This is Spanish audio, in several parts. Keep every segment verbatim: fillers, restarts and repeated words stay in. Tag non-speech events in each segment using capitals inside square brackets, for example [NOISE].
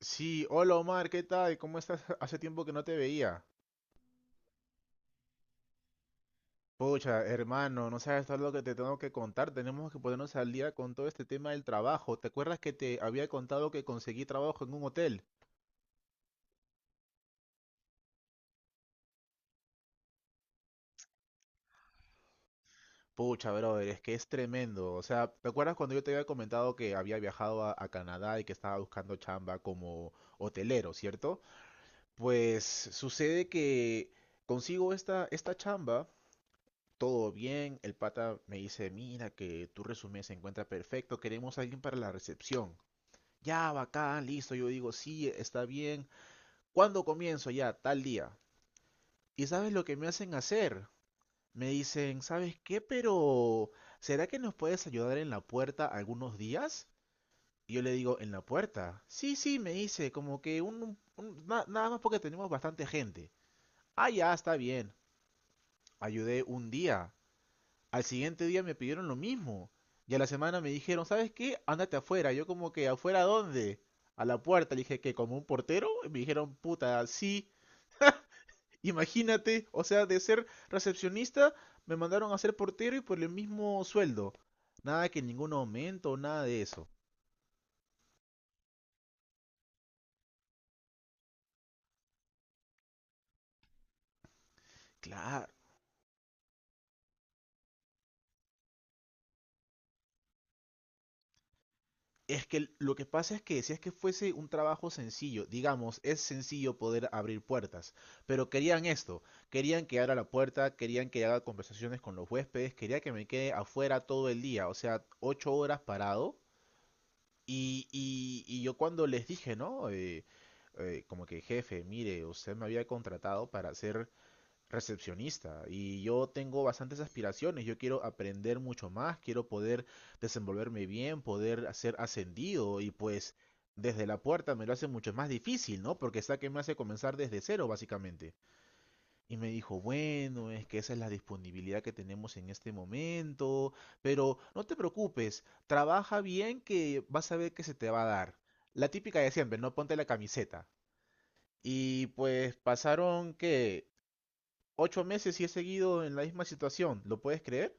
Sí, hola Omar, ¿qué tal? ¿Cómo estás? [LAUGHS] Hace tiempo que no te veía. Pucha, hermano, no sabes todo lo que te tengo que contar. Tenemos que ponernos al día con todo este tema del trabajo. ¿Te acuerdas que te había contado que conseguí trabajo en un hotel? Pucha, brother, es que es tremendo. O sea, ¿te acuerdas cuando yo te había comentado que había viajado a, a Canadá y que estaba buscando chamba como hotelero, ¿cierto? Pues sucede que consigo esta, esta chamba todo bien. El pata me dice, mira que tu resumen se encuentra perfecto, queremos a alguien para la recepción. Ya, bacán, listo. Yo digo, sí, está bien. ¿Cuándo comienzo? Ya, tal día. ¿Y sabes lo que me hacen hacer? Me dicen, ¿sabes qué? Pero, ¿será que nos puedes ayudar en la puerta algunos días? Y yo le digo, ¿en la puerta? Sí, sí, me dice, como que un, un- na- nada más porque tenemos bastante gente. Ah, ya, está bien. Ayudé un día. Al siguiente día me pidieron lo mismo. Y a la semana me dijeron, ¿sabes qué? Ándate afuera. Yo como que, ¿afuera dónde? A la puerta. Le dije, que ¿como un portero? Y me dijeron, puta, sí. Imagínate, o sea, de ser recepcionista me mandaron a ser portero y por el mismo sueldo. Nada que ningún aumento, nada de eso. Claro. Es que lo que pasa es que si es que fuese un trabajo sencillo, digamos, es sencillo poder abrir puertas, pero querían esto, querían que abra la puerta, querían que haga conversaciones con los huéspedes, quería que me quede afuera todo el día, o sea, ocho horas parado. Y, y- y yo cuando les dije, ¿no? Eh, eh, como que jefe, mire, usted me había contratado para hacer recepcionista y yo tengo bastantes aspiraciones, yo quiero aprender mucho más, quiero poder desenvolverme bien, poder ser ascendido y pues desde la puerta me lo hace mucho más difícil, ¿no? Porque está que me hace comenzar desde cero básicamente. Y me dijo, bueno, es que esa es la disponibilidad que tenemos en este momento, pero no te preocupes, trabaja bien que vas a ver que se te va a dar. La típica de siempre, no, ponte la camiseta. Y pues pasaron que ocho meses y he seguido en la misma situación, ¿lo puedes creer?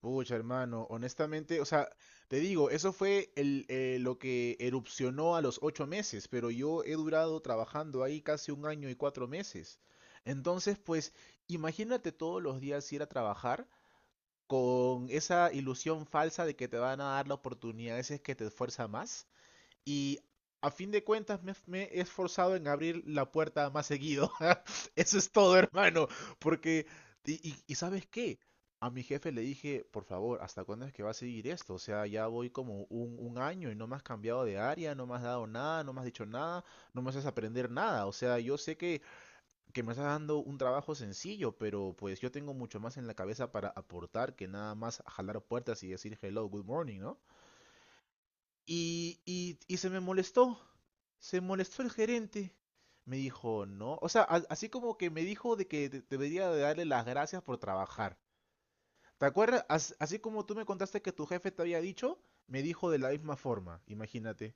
Pucha, hermano, honestamente, o sea, te digo, eso fue el, eh, lo que erupcionó a los ocho meses, pero yo he durado trabajando ahí casi un año y cuatro meses. Entonces, pues, imagínate todos los días ir a trabajar con esa ilusión falsa de que te van a dar la oportunidad, ese es que te esfuerza más. Y a fin de cuentas me, me, he esforzado en abrir la puerta más seguido. [LAUGHS] Eso es todo, hermano. Porque, y, y, y, ¿sabes qué? A mi jefe le dije, por favor, ¿hasta cuándo es que va a seguir esto? O sea, ya voy como un, un año y no me has cambiado de área, no me has dado nada, no me has dicho nada, no me haces aprender nada. O sea, yo sé que, que me estás dando un trabajo sencillo, pero pues yo tengo mucho más en la cabeza para aportar que nada más jalar puertas y decir hello, good morning, ¿no? Y, y, y, se me molestó, se molestó el gerente. Me dijo, no. O sea, a- así como que me dijo de que de- debería de darle las gracias por trabajar. ¿Te acuerdas? As- así como tú me contaste que tu jefe te había dicho, me dijo de la misma forma. Imagínate.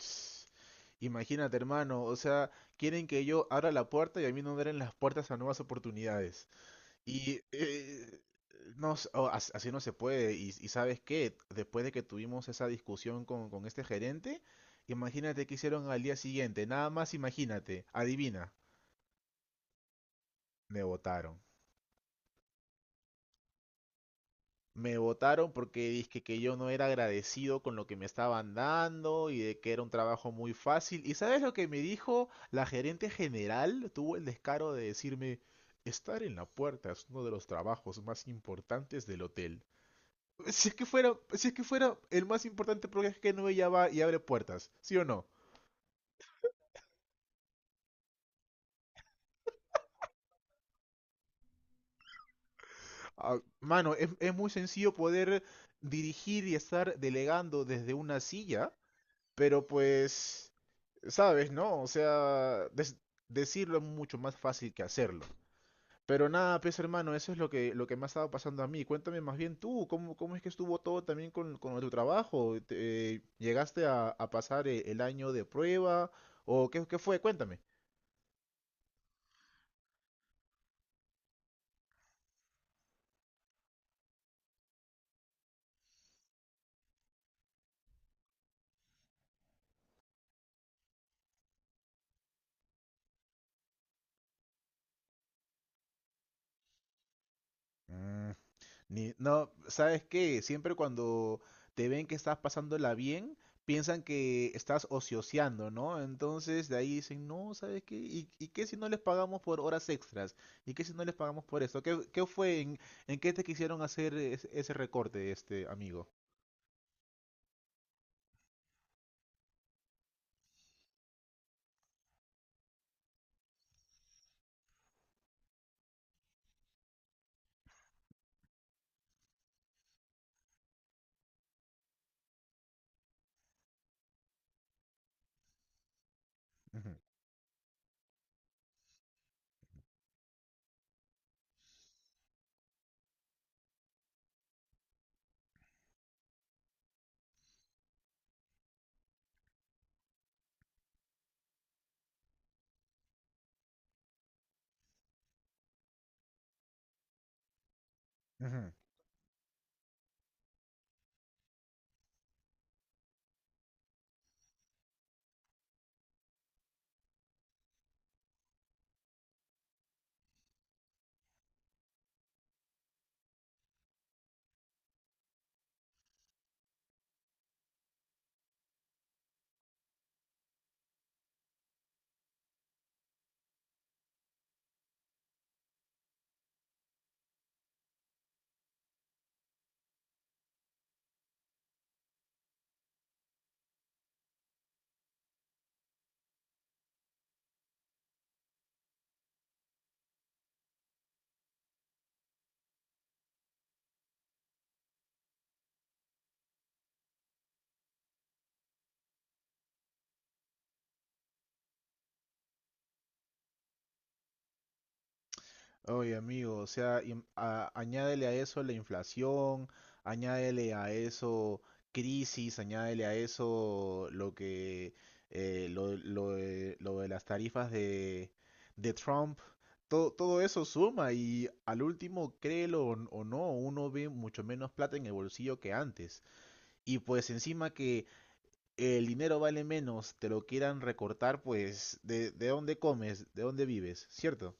[SNIFFS] Imagínate, hermano. O sea, quieren que yo abra la puerta y a mí no me abren las puertas a nuevas oportunidades. Y eh, no, s- o as- así no se puede. Y, y ¿sabes qué? Después de que tuvimos esa discusión con, con este gerente, imagínate qué hicieron al día siguiente. Nada más imagínate, adivina, me votaron. Me votaron porque dije que yo no era agradecido con lo que me estaban dando y de que era un trabajo muy fácil. ¿Y sabes lo que me dijo la gerente general? Tuvo el descaro de decirme, estar en la puerta es uno de los trabajos más importantes del hotel. Si es que fuera, si es que fuera el más importante porque es que no ya va y abre puertas, ¿sí o no? Ah, mano, es, es muy sencillo poder dirigir y estar delegando desde una silla, pero pues, sabes, ¿no? O sea, des- decirlo es mucho más fácil que hacerlo. Pero nada, pues hermano, eso es lo que, lo que me ha estado pasando a mí. Cuéntame más bien tú, ¿cómo, cómo es que estuvo todo también con, con tu trabajo? ¿Te- eh, llegaste a, a pasar eh, el año de prueba? ¿O qué, qué fue? Cuéntame. Mm. Ni- no, ¿sabes qué? Siempre cuando te ven que estás pasándola bien, piensan que estás ocioseando, ¿no? Entonces de ahí dicen, no, ¿sabes qué? ¿Y, y qué si no les pagamos por horas extras? ¿Y qué si no les pagamos por esto? ¿Qué, qué fue? ¿En, en qué te quisieron hacer es- ese recorte, este amigo? Ujú, ujú. Oye, amigo, o sea, im- a- añádele a eso la inflación, añádele a eso crisis, añádele a eso lo que eh, lo, lo de, lo de las tarifas de, de Trump, todo, todo eso suma y al último, créelo o n- o no, uno ve mucho menos plata en el bolsillo que antes. Y pues encima que el dinero vale menos, te lo quieran recortar, pues ¿de, de dónde comes? ¿De dónde vives? ¿Cierto?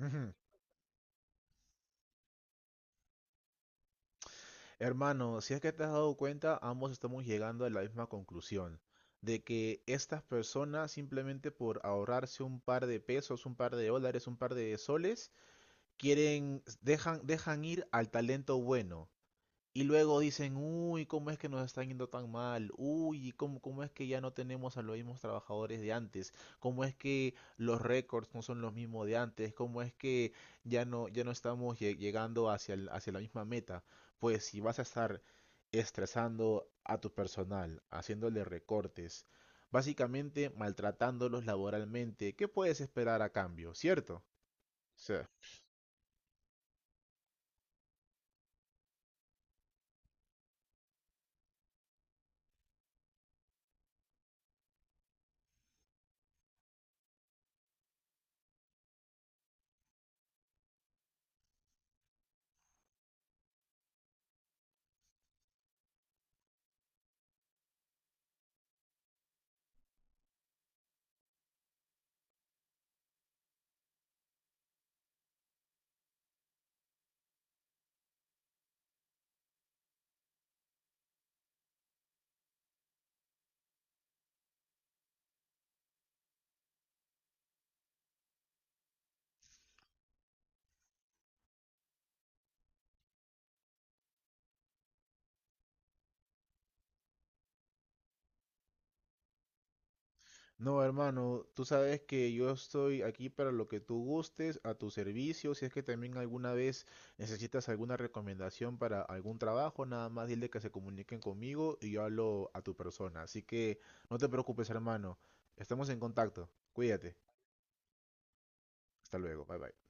Ujú. [LAUGHS] Hermano, si es que te has dado cuenta, ambos estamos llegando a la misma conclusión, de que estas personas simplemente por ahorrarse un par de pesos, un par de dólares, un par de soles, quieren, dejan, dejan ir al talento bueno. Y luego dicen, uy, ¿cómo es que nos están yendo tan mal? Uy, ¿cómo, cómo es que ya no tenemos a los mismos trabajadores de antes? ¿Cómo es que los récords no son los mismos de antes? ¿Cómo es que ya no, ya no estamos lle- llegando hacia, el- hacia la misma meta? Pues si vas a estar estresando a tu personal, haciéndole recortes, básicamente maltratándolos laboralmente, ¿qué puedes esperar a cambio? ¿Cierto? Sí. No, hermano, tú sabes que yo estoy aquí para lo que tú gustes, a tu servicio. Si es que también alguna vez necesitas alguna recomendación para algún trabajo, nada más dile que se comuniquen conmigo y yo hablo a tu persona. Así que no te preocupes, hermano. Estamos en contacto. Cuídate. Hasta luego. Bye bye.